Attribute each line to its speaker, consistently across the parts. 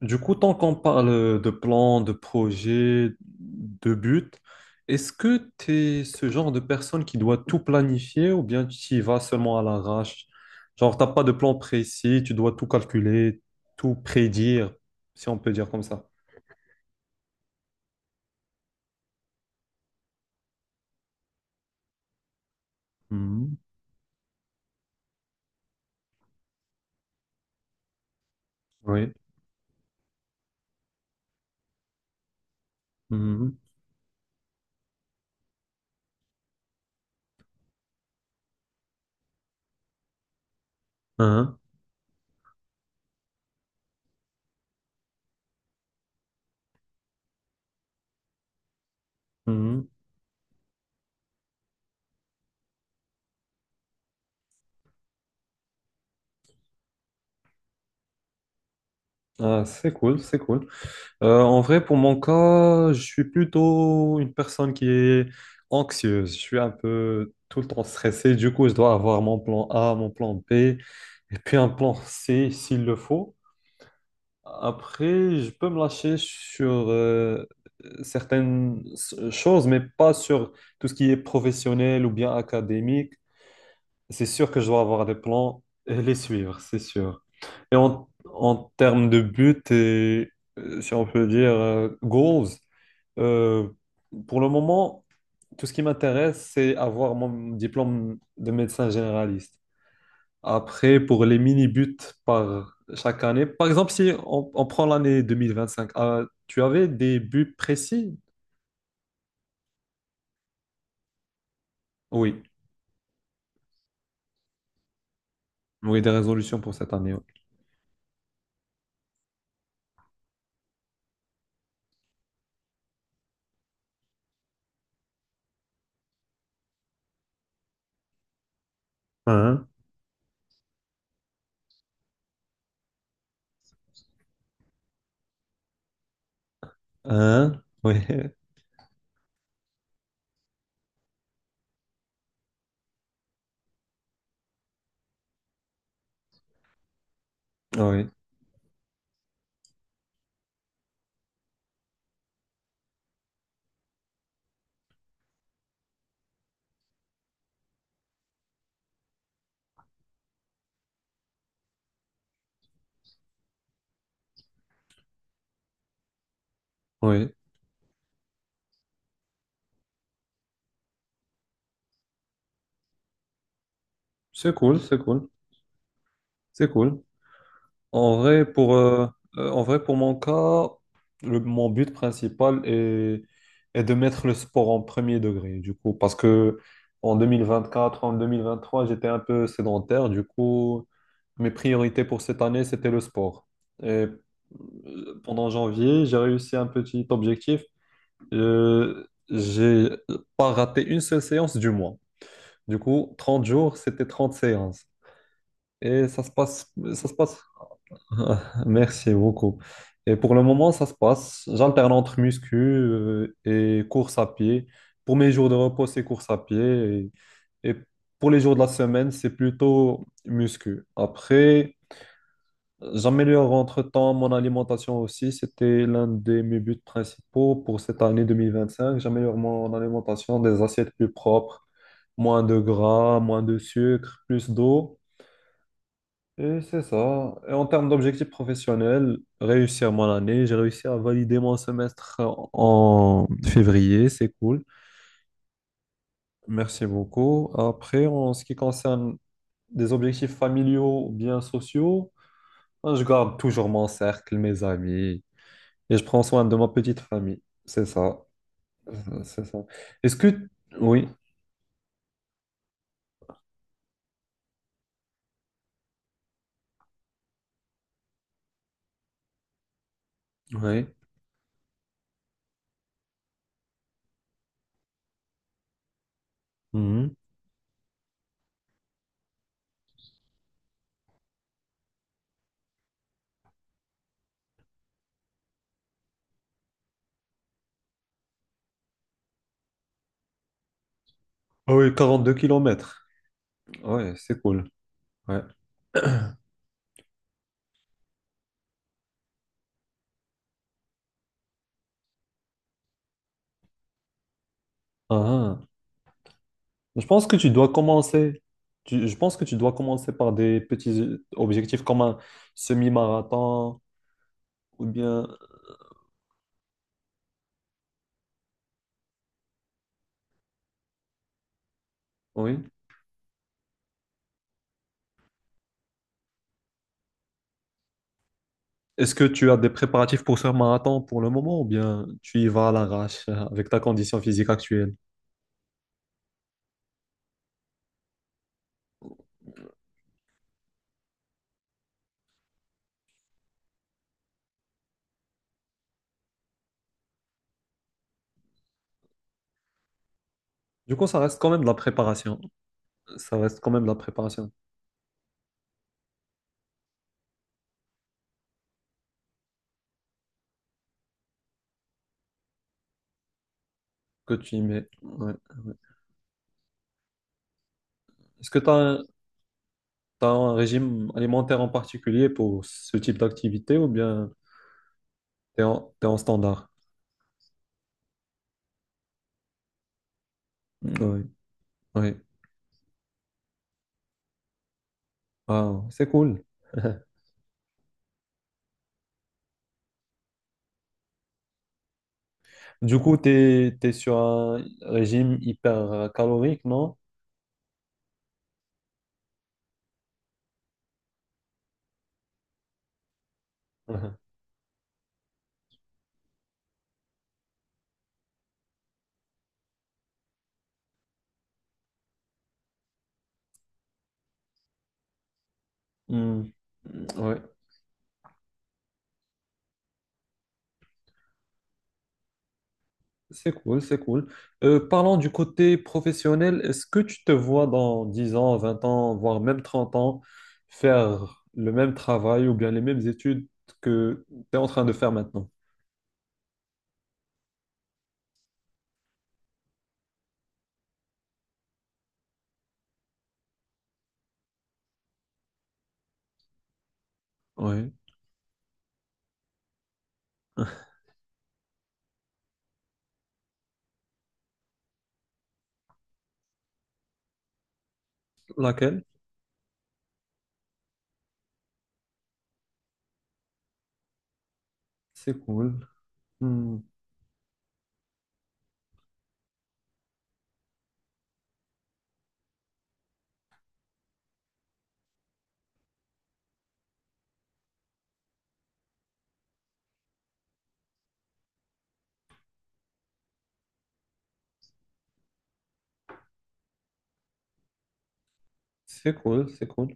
Speaker 1: Du coup, tant qu'on parle de plans, de projets, de buts, est-ce que tu es ce genre de personne qui doit tout planifier ou bien tu y vas seulement à l'arrache? Genre, t'as pas de plan précis, tu dois tout calculer, tout prédire, si on peut dire comme ça. Mhm. Oui. Mhm. Hein. Mhm. Ah, c'est cool, c'est cool. En vrai, pour mon cas, je suis plutôt une personne qui est anxieuse. Je suis un peu tout le temps stressé. Du coup, je dois avoir mon plan A, mon plan B et puis un plan C s'il le faut. Après, je peux me lâcher sur certaines choses, mais pas sur tout ce qui est professionnel ou bien académique. C'est sûr que je dois avoir des plans et les suivre, c'est sûr. Et en termes de but et, si on peut dire, goals. Euh, pour le moment, tout ce qui m'intéresse, c'est avoir mon diplôme de médecin généraliste. Après, pour les mini-buts par chaque année, par exemple, si on prend l'année 2025, tu avais des buts précis? Oui, oui, des résolutions pour cette année. Oui. Hein? Hein? Oui, oui, oui. C'est cool, c'est cool, c'est cool. En vrai, pour, euh, en vrai, pour mon cas, mon but principal est de mettre le sport en premier degré, du coup, parce que en 2024, en 2023, j'étais un peu sédentaire, du coup, mes priorités pour cette année, c'était le sport. Et pendant janvier, j'ai réussi un petit objectif. J'ai pas raté une seule séance du mois. Du coup, 30 jours, c'était 30 séances. Et ça se passe. Ah, merci beaucoup. Et pour le moment, ça se passe. J'alterne entre muscu et course à pied. Pour mes jours de repos, c'est course à pied. Et pour les jours de la semaine, c'est plutôt muscu. Après, j'améliore entre-temps mon alimentation aussi. C'était l'un de mes buts principaux pour cette année 2025. J'améliore mon alimentation, des assiettes plus propres, moins de gras, moins de sucre, plus d'eau. Et c'est ça. Et en termes d'objectifs professionnels, réussir mon année, j'ai réussi à valider mon semestre en février, c'est cool. Merci beaucoup. Après, en ce qui concerne des objectifs familiaux ou bien sociaux, hein, je garde toujours mon cercle, mes amis, et je prends soin de ma petite famille. C'est ça. C'est ça. Est-ce que... Oui, oui. Mhm. Ah oui, 42 kilomètres. Ouais, c'est cool. Ouais. Ah, ah. Je pense que tu dois commencer. Je pense que tu dois commencer par des petits objectifs comme un semi-marathon ou bien. Oui. Est-ce que tu as des préparatifs pour ce marathon pour le moment ou bien tu y vas à l'arrache avec ta condition physique actuelle? Du coup, ça reste quand même de la préparation. Ça reste quand même de la préparation que tu y mets. Ouais. Ouais. Est-ce que tu as, un t'as un régime alimentaire en particulier pour ce type d'activité ou bien t'es en standard? Oui. Oui. Ah, c'est cool. Du coup, t'es sur un régime hyper calorique, non? Hmm. Ouais, c'est cool, c'est cool. Parlons du côté professionnel, est-ce que tu te vois dans 10 ans, 20 ans, voire même 30 ans, faire le même travail ou bien les mêmes études que tu es en train de faire maintenant? Oui. Laquelle? C'est cool. Hmm. C'est cool, c'est cool.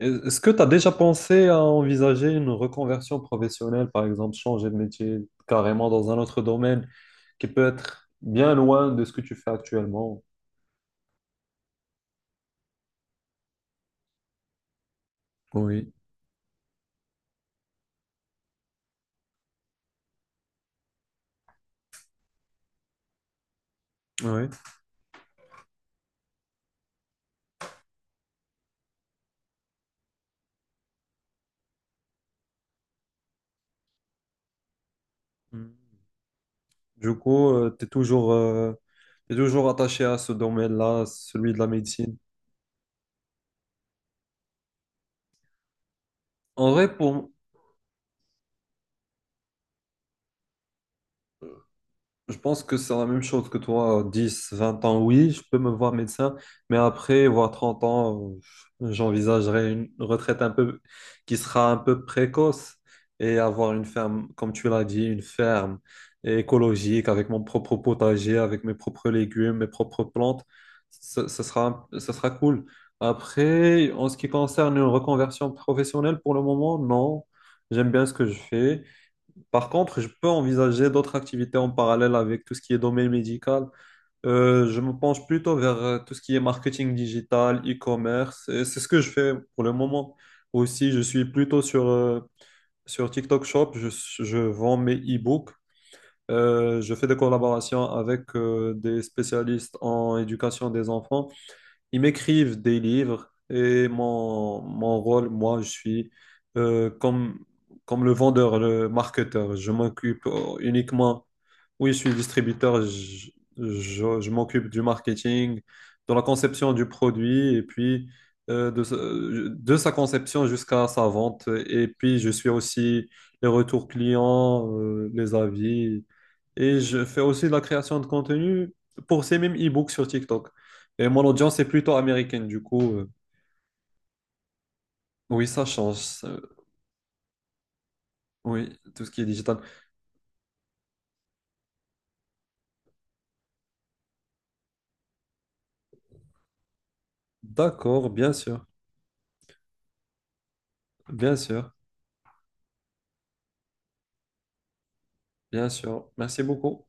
Speaker 1: Est-ce que tu as déjà pensé à envisager une reconversion professionnelle, par exemple, changer de métier carrément dans un autre domaine qui peut être bien loin de ce que tu fais actuellement? Oui, oui. Mm. Du coup, t'es toujours attaché à ce domaine-là, celui de la médecine. En vrai, pour, Je pense que c'est la même chose que toi. 10, 20 ans, oui, je peux me voir médecin, mais après, voire 30 ans, j'envisagerai une retraite un peu qui sera un peu précoce et avoir une ferme, comme tu l'as dit, une ferme écologique avec mon propre potager, avec mes propres légumes, mes propres plantes. Ce sera cool. Après, en ce qui concerne une reconversion professionnelle, pour le moment, non. J'aime bien ce que je fais. Par contre, je peux envisager d'autres activités en parallèle avec tout ce qui est domaine médical. Je me penche plutôt vers tout ce qui est marketing digital, e-commerce. Et c'est ce que je fais pour le moment. Aussi, je suis plutôt sur, sur TikTok Shop. Je vends mes e-books. Je fais des collaborations avec des spécialistes en éducation des enfants. Ils m'écrivent des livres et mon rôle, moi, je suis comme, comme le vendeur, le marketeur. Je m'occupe uniquement, oui, je suis distributeur, je m'occupe du marketing, de la conception du produit et puis de sa conception jusqu'à sa vente. Et puis, je suis aussi les retours clients, les avis. Et je fais aussi de la création de contenu pour ces mêmes e-books sur TikTok. Et mon audience est plutôt américaine, du coup, oui, ça change. Oui, tout ce qui est digital. D'accord, bien sûr, bien sûr, bien sûr. Merci beaucoup.